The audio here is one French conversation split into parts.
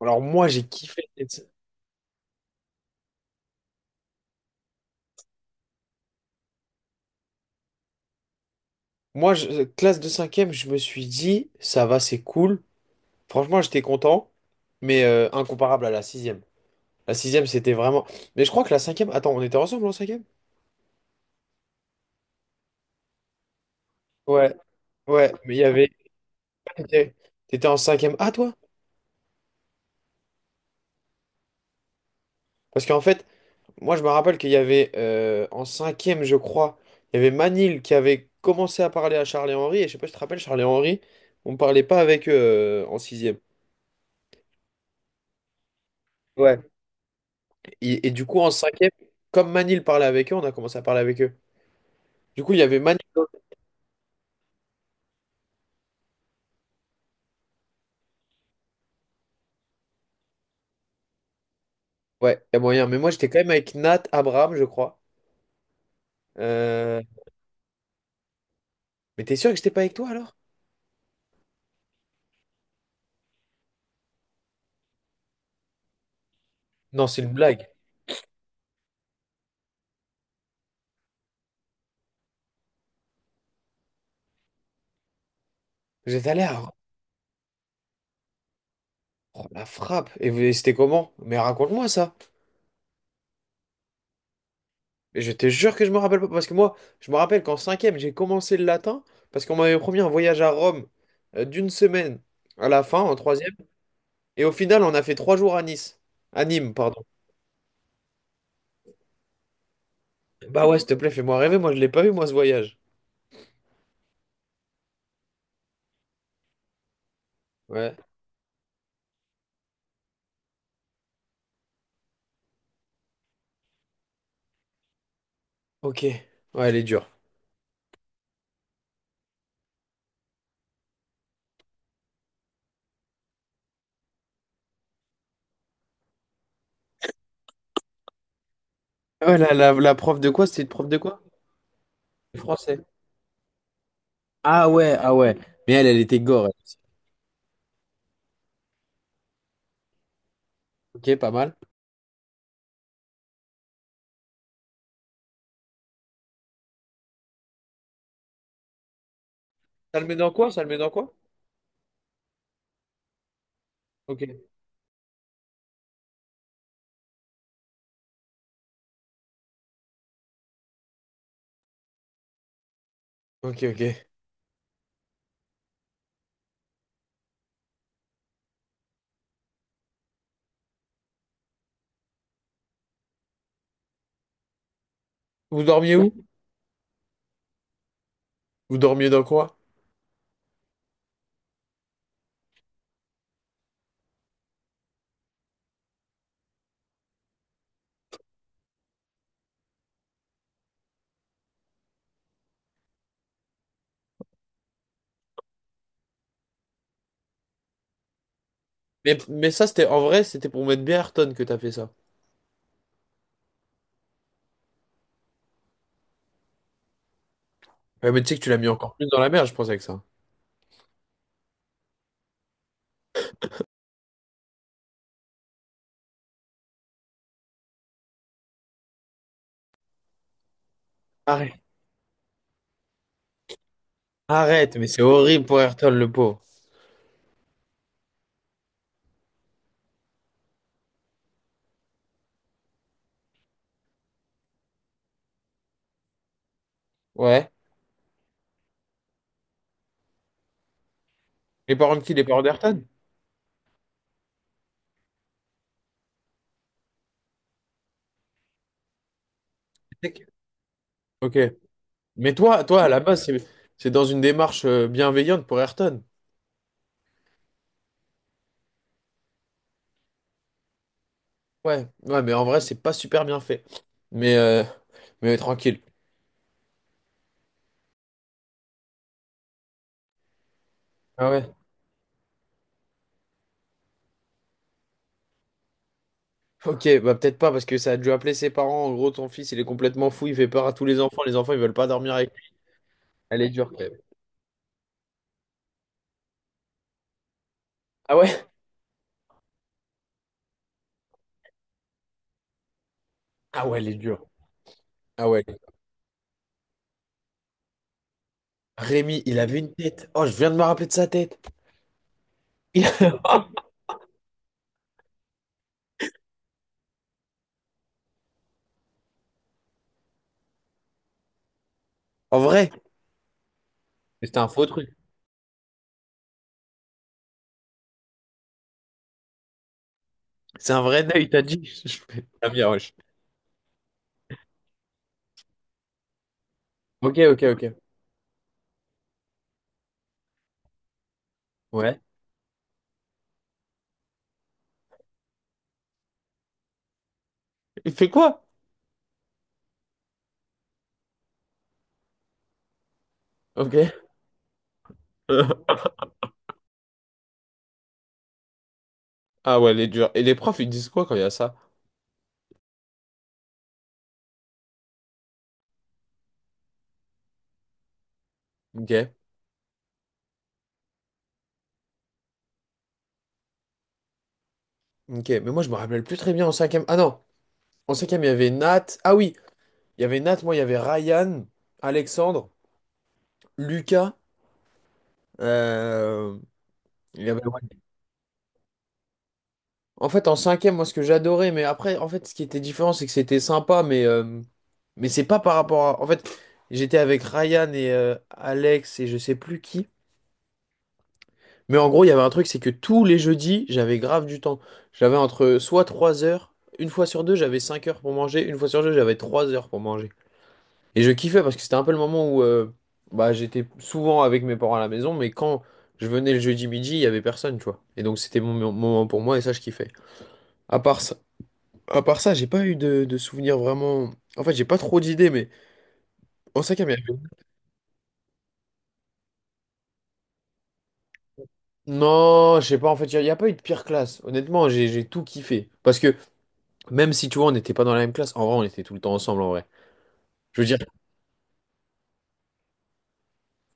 Alors moi, j'ai kiffé. Classe de cinquième, je me suis dit, ça va, c'est cool. Franchement, j'étais content, mais incomparable à la sixième. La sixième, c'était vraiment... Mais je crois que la cinquième... Attends, on était ensemble en cinquième? Ouais, ouais, mais il y avait... T'étais t'étais en cinquième A, toi? Parce qu'en fait, moi, je me rappelle qu'il y avait, en cinquième, je crois, il y avait Manil qui avait commencé à parler à Charles et Henri, et je sais pas si tu te rappelles, Charles et Henri, on parlait pas avec eux en sixième. Et du coup, en cinquième, comme Manil parlait avec eux, on a commencé à parler avec eux. Du coup, il y avait Manil. Ouais, il y a moyen. Mais moi, j'étais quand même avec Nat, Abraham, je crois. Euh, Mais t'es sûr que j'étais pas avec toi alors? Non, c'est une blague. J'étais allé à oh, la frappe. Et vous- c'était comment? Mais raconte-moi ça. Et je te jure que je me rappelle pas. Parce que moi, je me rappelle qu'en cinquième, j'ai commencé le latin. Parce qu'on m'avait promis un voyage à Rome d'une semaine à la fin, en troisième. Et au final, on a fait trois jours à Nice. À Nîmes, pardon. Bah ouais, s'il te plaît, fais-moi rêver. Moi, je l'ai pas vu, moi, ce voyage. Ouais. Ok. Ouais, elle est dure. Ah, ouais, la prof de quoi? C'était une prof de quoi? De français. Ah ouais, ah ouais. Mais elle, elle était gore. Elle aussi. Ok, pas mal. Ça le met dans quoi? Ça le met dans quoi? Ok. Ok, ok. Vous dormiez où? Vous dormiez dans quoi? Mais ça, c'était en vrai, c'était pour mettre bien Ayrton que t'as fait ça. Ouais, mais tu sais que tu l'as mis encore plus dans la merde, je pense, avec ça. Arrête. Arrête, mais c'est horrible pour Ayrton, le pauvre. Ouais. Les parents de qui? Les parents d'Ayrton? Ok. Mais toi, à la base, c'est dans une démarche bienveillante pour Ayrton. Ouais, ouais, mais en vrai, c'est pas super bien fait. Mais, euh, mais tranquille. Ah ouais. Ok, bah peut-être pas, parce que ça a dû appeler ses parents. En gros, ton fils, il est complètement fou, il fait peur à tous les enfants. Les enfants, ils veulent pas dormir avec lui. Elle est dure quand même. Ah ouais? Ah ouais, elle est dure. Ah ouais. Rémi, il avait une tête. Oh, je viens de me rappeler de sa tête. Il- En vrai, Mais c'était un faux truc. C'est un vrai nain, il t'a dit. Je fais, ah bien, wesh. Ok, ok, ok. Ouais. Il fait quoi? Ok. Ah ouais, elle est dure. Et les profs, ils disent quoi quand il y a ça? Ok. Ok, mais moi, je me rappelle plus très bien en cinquième. Ah non. En cinquième, il y avait Nat. Ah oui, il y avait Nat, moi, il y avait Ryan, Alexandre, Lucas. euh, il y avait- ouais. En fait, en cinquième, moi, ce que j'adorais, mais après, en fait, ce qui était différent, c'est que c'était sympa, mais c'est pas par rapport à... En fait, j'étais avec Ryan et Alex et je sais plus qui. Mais en gros, il y avait un truc, c'est que tous les jeudis, j'avais grave du temps. J'avais entre soit 3 heures, une fois sur deux, j'avais 5 heures pour manger, une fois sur deux, j'avais 3 heures pour manger. Et je kiffais parce que c'était un peu le moment où bah, j'étais souvent avec mes parents à la maison, mais quand je venais le jeudi midi, il y avait personne, tu vois. Et donc c'était mon moment pour moi et ça, je kiffais. À part ça, à part ça, j'ai pas eu de souvenirs vraiment. En fait, j'ai pas trop d'idées, mais en cinquième, il y avait- Non, je sais pas, en fait, il y a pas eu de pire classe. Honnêtement, j'ai tout kiffé. Parce que même si, tu vois, on n'était pas dans la même classe, en vrai, on était tout le temps ensemble, en vrai. Je veux dire,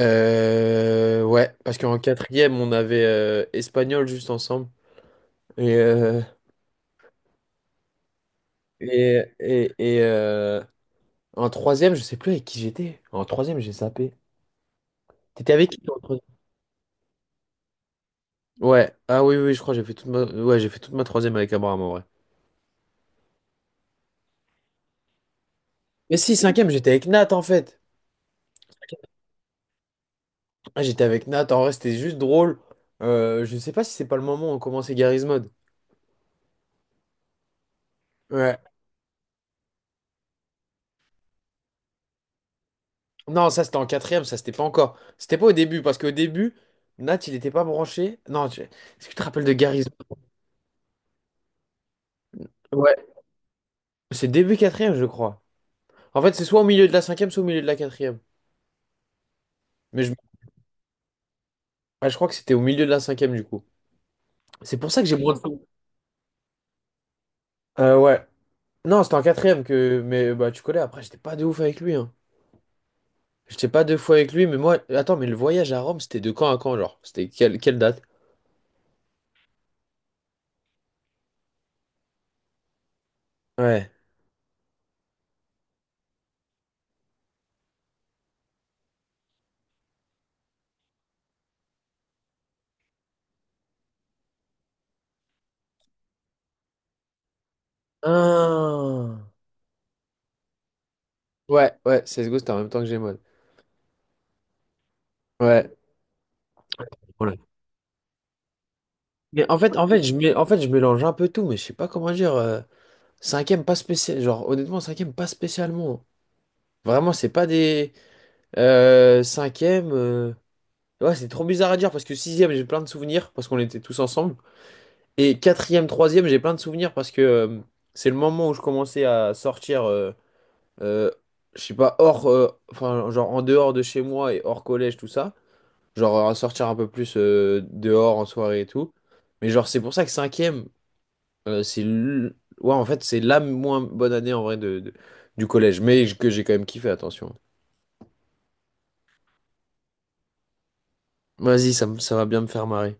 ouais, parce qu'en quatrième, on avait espagnol juste ensemble. Et euh, Et, et, et euh, En troisième, je sais plus avec qui j'étais. En troisième, j'ai zappé. T'étais avec qui toi, en troisième? Ouais. Ah oui, oui, je crois que j'ai fait toute ma... Ouais, j'ai fait toute ma troisième avec Abraham en vrai. Mais si, cinquième, j'étais avec Nat en fait. Ah, j'étais avec Nat, en vrai, c'était juste drôle. Je sais pas si c'est pas le moment où on commençait Garry's Mod. Ouais. Non, ça c'était en quatrième, ça c'était pas encore. C'était pas au début, parce qu'au début, Nat, il était pas branché. Non, tu- est-ce que tu te rappelles de Garry's Mod? Ouais. C'est début quatrième, je crois. En fait, c'est soit au milieu de la cinquième, soit au milieu de la quatrième. Mais je Ouais, je crois que c'était au milieu de la cinquième du coup. C'est pour ça que j'ai moins de souvenirs. Ouais. Non, c'était en quatrième que. Mais bah tu connais, après j'étais pas de ouf avec lui. Hein. J'étais pas deux fois avec lui, mais moi. Attends, mais le voyage à Rome, c'était de quand à quand, genre? C'était quelle date? Ouais. Ah. Ouais, ouais, CSGO, c'était en même temps que Gmod. Ouais. Voilà. Mais je mets, en fait, je mélange un peu tout, mais je sais pas comment dire. Cinquième, pas spécial. Genre, honnêtement, cinquième, pas spécialement. Vraiment, c'est pas des. Cinquième. Ouais, c'est trop bizarre à dire parce que sixième, j'ai plein de souvenirs parce qu'on était tous ensemble. Et quatrième, troisième, j'ai plein de souvenirs parce que c'est le moment où je commençais à sortir, euh, je sais pas, enfin, genre en dehors de chez moi et hors collège, tout ça. Genre à sortir un peu plus dehors en soirée et tout. Mais genre, c'est pour ça que cinquième, euh, c'est. l- Ouais, en fait, c'est la moins bonne année en vrai de- du collège. Mais que j'ai quand même kiffé, attention. Vas-y, ça, me- ça va bien me faire marrer.